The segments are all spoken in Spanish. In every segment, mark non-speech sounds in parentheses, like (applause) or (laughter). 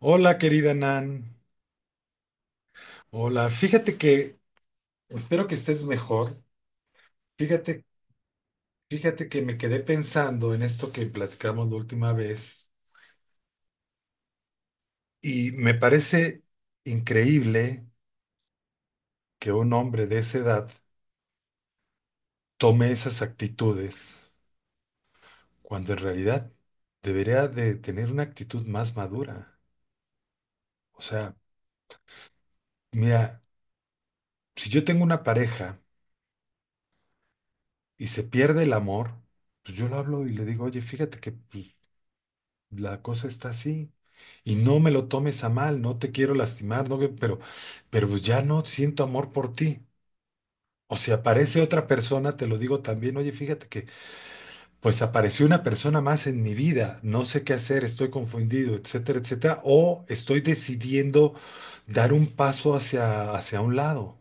Hola, querida Nan. Hola, fíjate que espero que estés mejor. Fíjate, fíjate que me quedé pensando en esto que platicamos la última vez y me parece increíble que un hombre de esa edad tome esas actitudes cuando en realidad debería de tener una actitud más madura. O sea, mira, si yo tengo una pareja y se pierde el amor, pues yo lo hablo y le digo, oye, fíjate que pues, la cosa está así. Y no me lo tomes a mal, no te quiero lastimar, no, pero pues ya no siento amor por ti. O si aparece otra persona, te lo digo también, oye, fíjate que pues apareció una persona más en mi vida, no sé qué hacer, estoy confundido, etcétera, etcétera, o estoy decidiendo dar un paso hacia un lado.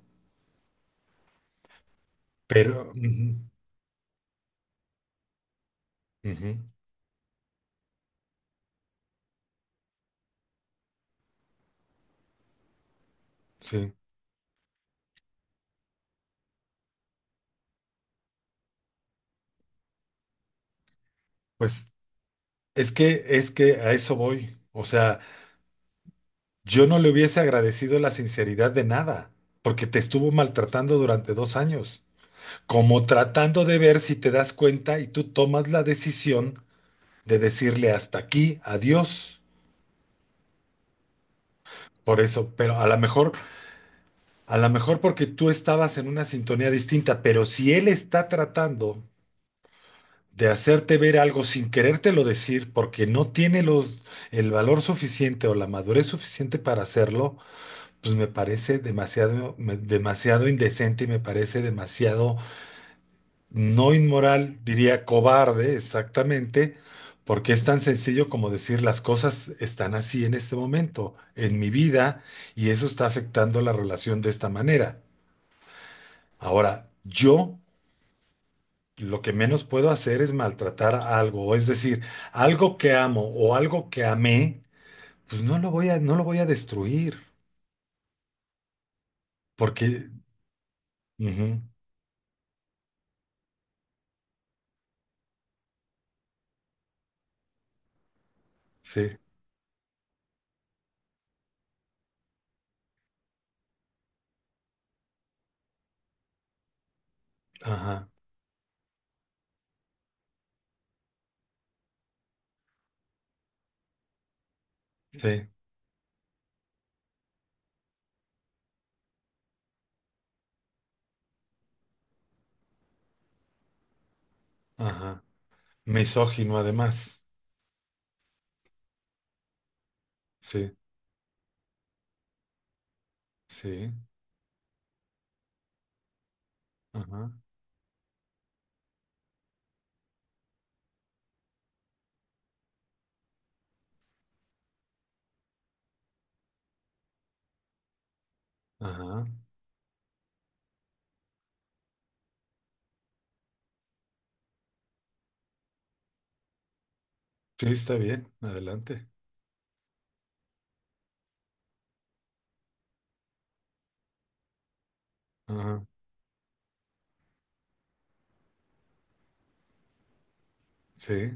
Pero, ujú, ujú, sí, pues es que a eso voy. O sea, yo no le hubiese agradecido la sinceridad de nada, porque te estuvo maltratando durante 2 años, como tratando de ver si te das cuenta y tú tomas la decisión de decirle hasta aquí, adiós. Por eso, pero a lo mejor porque tú estabas en una sintonía distinta, pero si él está tratando de hacerte ver algo sin querértelo decir, porque no tiene el valor suficiente o la madurez suficiente para hacerlo, pues me parece demasiado indecente y me parece demasiado. No, inmoral, diría cobarde, exactamente, porque es tan sencillo como decir las cosas están así en este momento, en mi vida, y eso está afectando la relación de esta manera. Ahora, yo lo que menos puedo hacer es maltratar algo, es decir, algo que amo o algo que amé, pues no lo voy a destruir, porque... Ujú, sí, ajá, sí, ajá. Misógino además, sí, sí, ajá, ajá. Sí, está bien, adelante. Ajá, sí.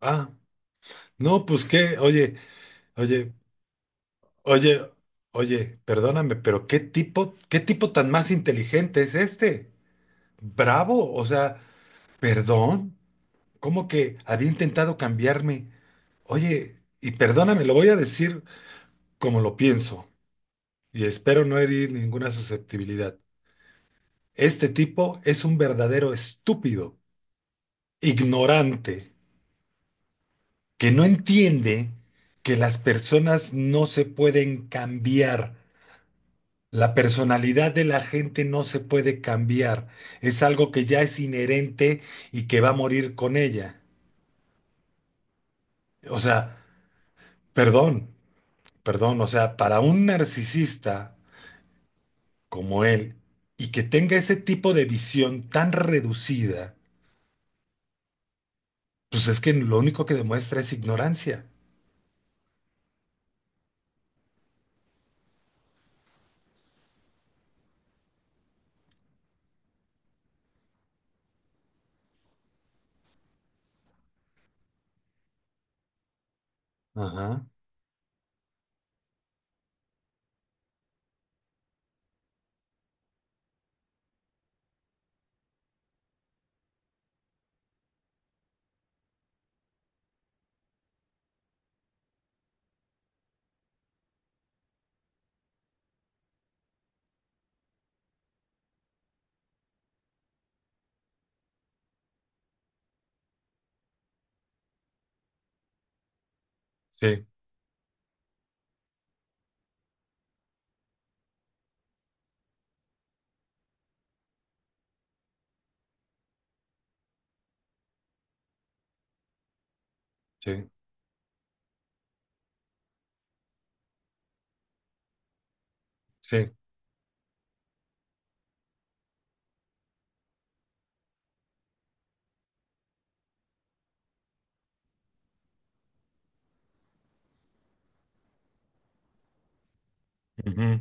Ah, no, pues oye, oye, oye, perdóname, pero qué tipo tan más inteligente es este. Bravo, o sea, perdón, ¿cómo que había intentado cambiarme? Oye, y perdóname, lo voy a decir como lo pienso y espero no herir ninguna susceptibilidad. Este tipo es un verdadero estúpido, ignorante, que no entiende que las personas no se pueden cambiar. La personalidad de la gente no se puede cambiar. Es algo que ya es inherente y que va a morir con ella. O sea, perdón, perdón, o sea, para un narcisista como él y que tenga ese tipo de visión tan reducida, pues es que lo único que demuestra es ignorancia. Ajá, sí, sí, sí. Ujú,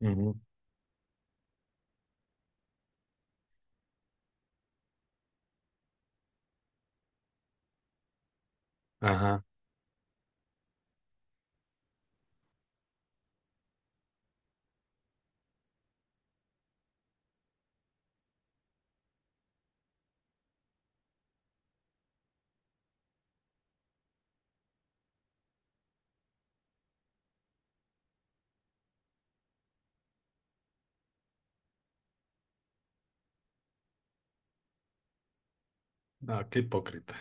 ujú. Ajá, ah, qué hipócrita.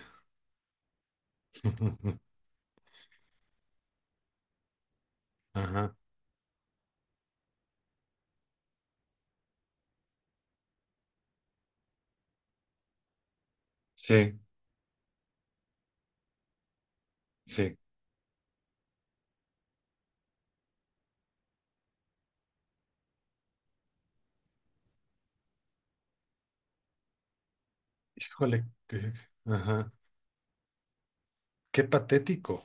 (laughs) Ujú. Ajá. Sí, sí. Híjole, ajá. Qué patético.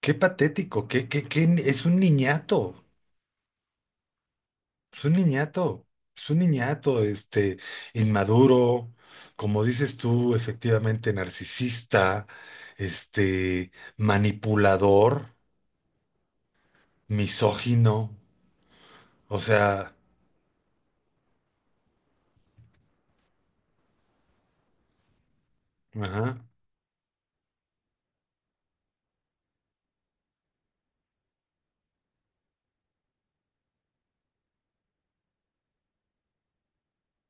Qué patético. Qué, qué, qué, ni- es un niñato. Es un niñato. Es un niñato, este, inmaduro, como dices tú, efectivamente narcisista, este, manipulador, misógino. O sea, ajá,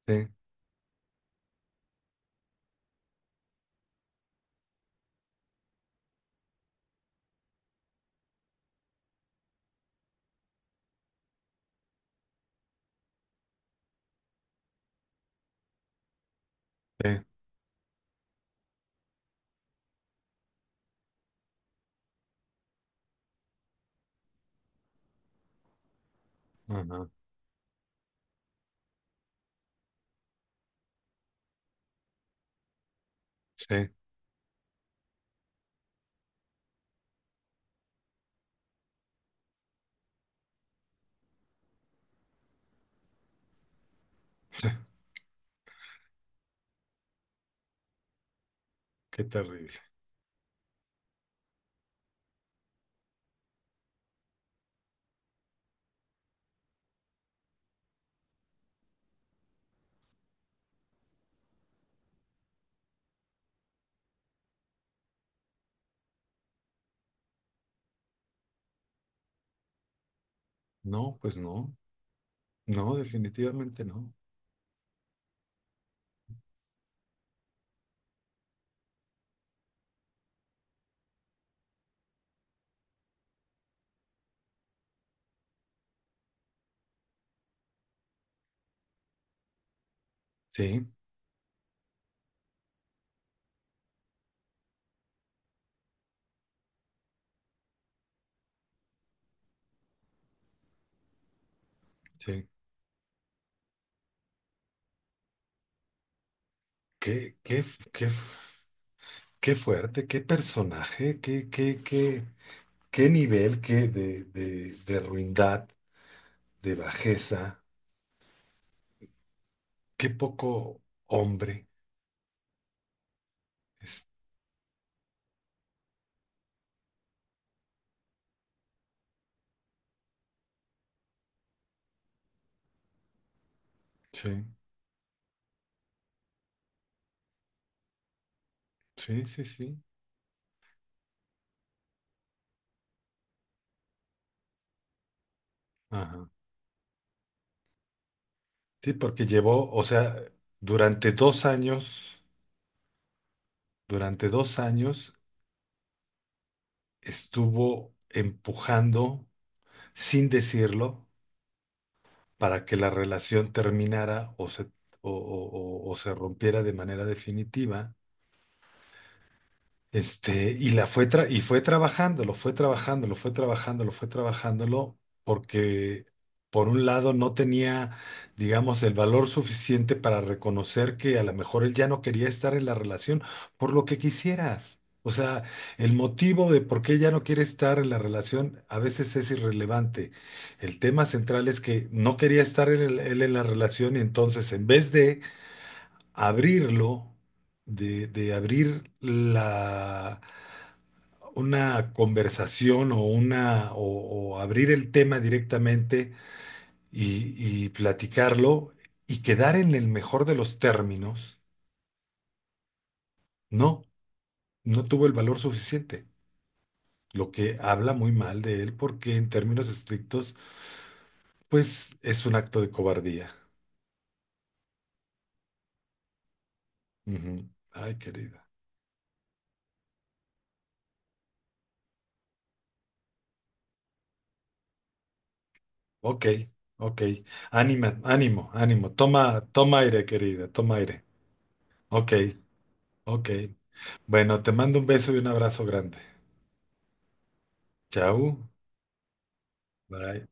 sí, sí, ajá, sí. (laughs) Qué terrible. No, pues no. No, definitivamente no. Sí. Sí. Qué, qué, qué, qué fuerte, qué personaje, qué nivel qué de ruindad, de bajeza, qué poco hombre. Es- Sí, sí, sí, sí. Ajá. Sí, porque llevó, o sea, durante 2 años, durante 2 años estuvo empujando, sin decirlo, para que la relación terminara o se rompiera de manera definitiva. Este, y fue trabajándolo, fue trabajándolo, fue trabajándolo, fue trabajándolo, porque por un lado no tenía, digamos, el valor suficiente para reconocer que a lo mejor él ya no quería estar en la relación por lo que quisieras. O sea, el motivo de por qué ella no quiere estar en la relación a veces es irrelevante. El tema central es que no quería estar él en la relación y entonces en vez de abrirlo, de abrir la una conversación o o abrir el tema directamente y platicarlo y quedar en el mejor de los términos, no, no tuvo el valor suficiente, lo que habla muy mal de él porque en términos estrictos, pues es un acto de cobardía. Ujú. Ay, querida. Ok, ok. Ánimo, ánimo. Toma, toma aire, querida, toma aire. Ok, ok. Bueno, te mando un beso y un abrazo grande. Chao. Bye.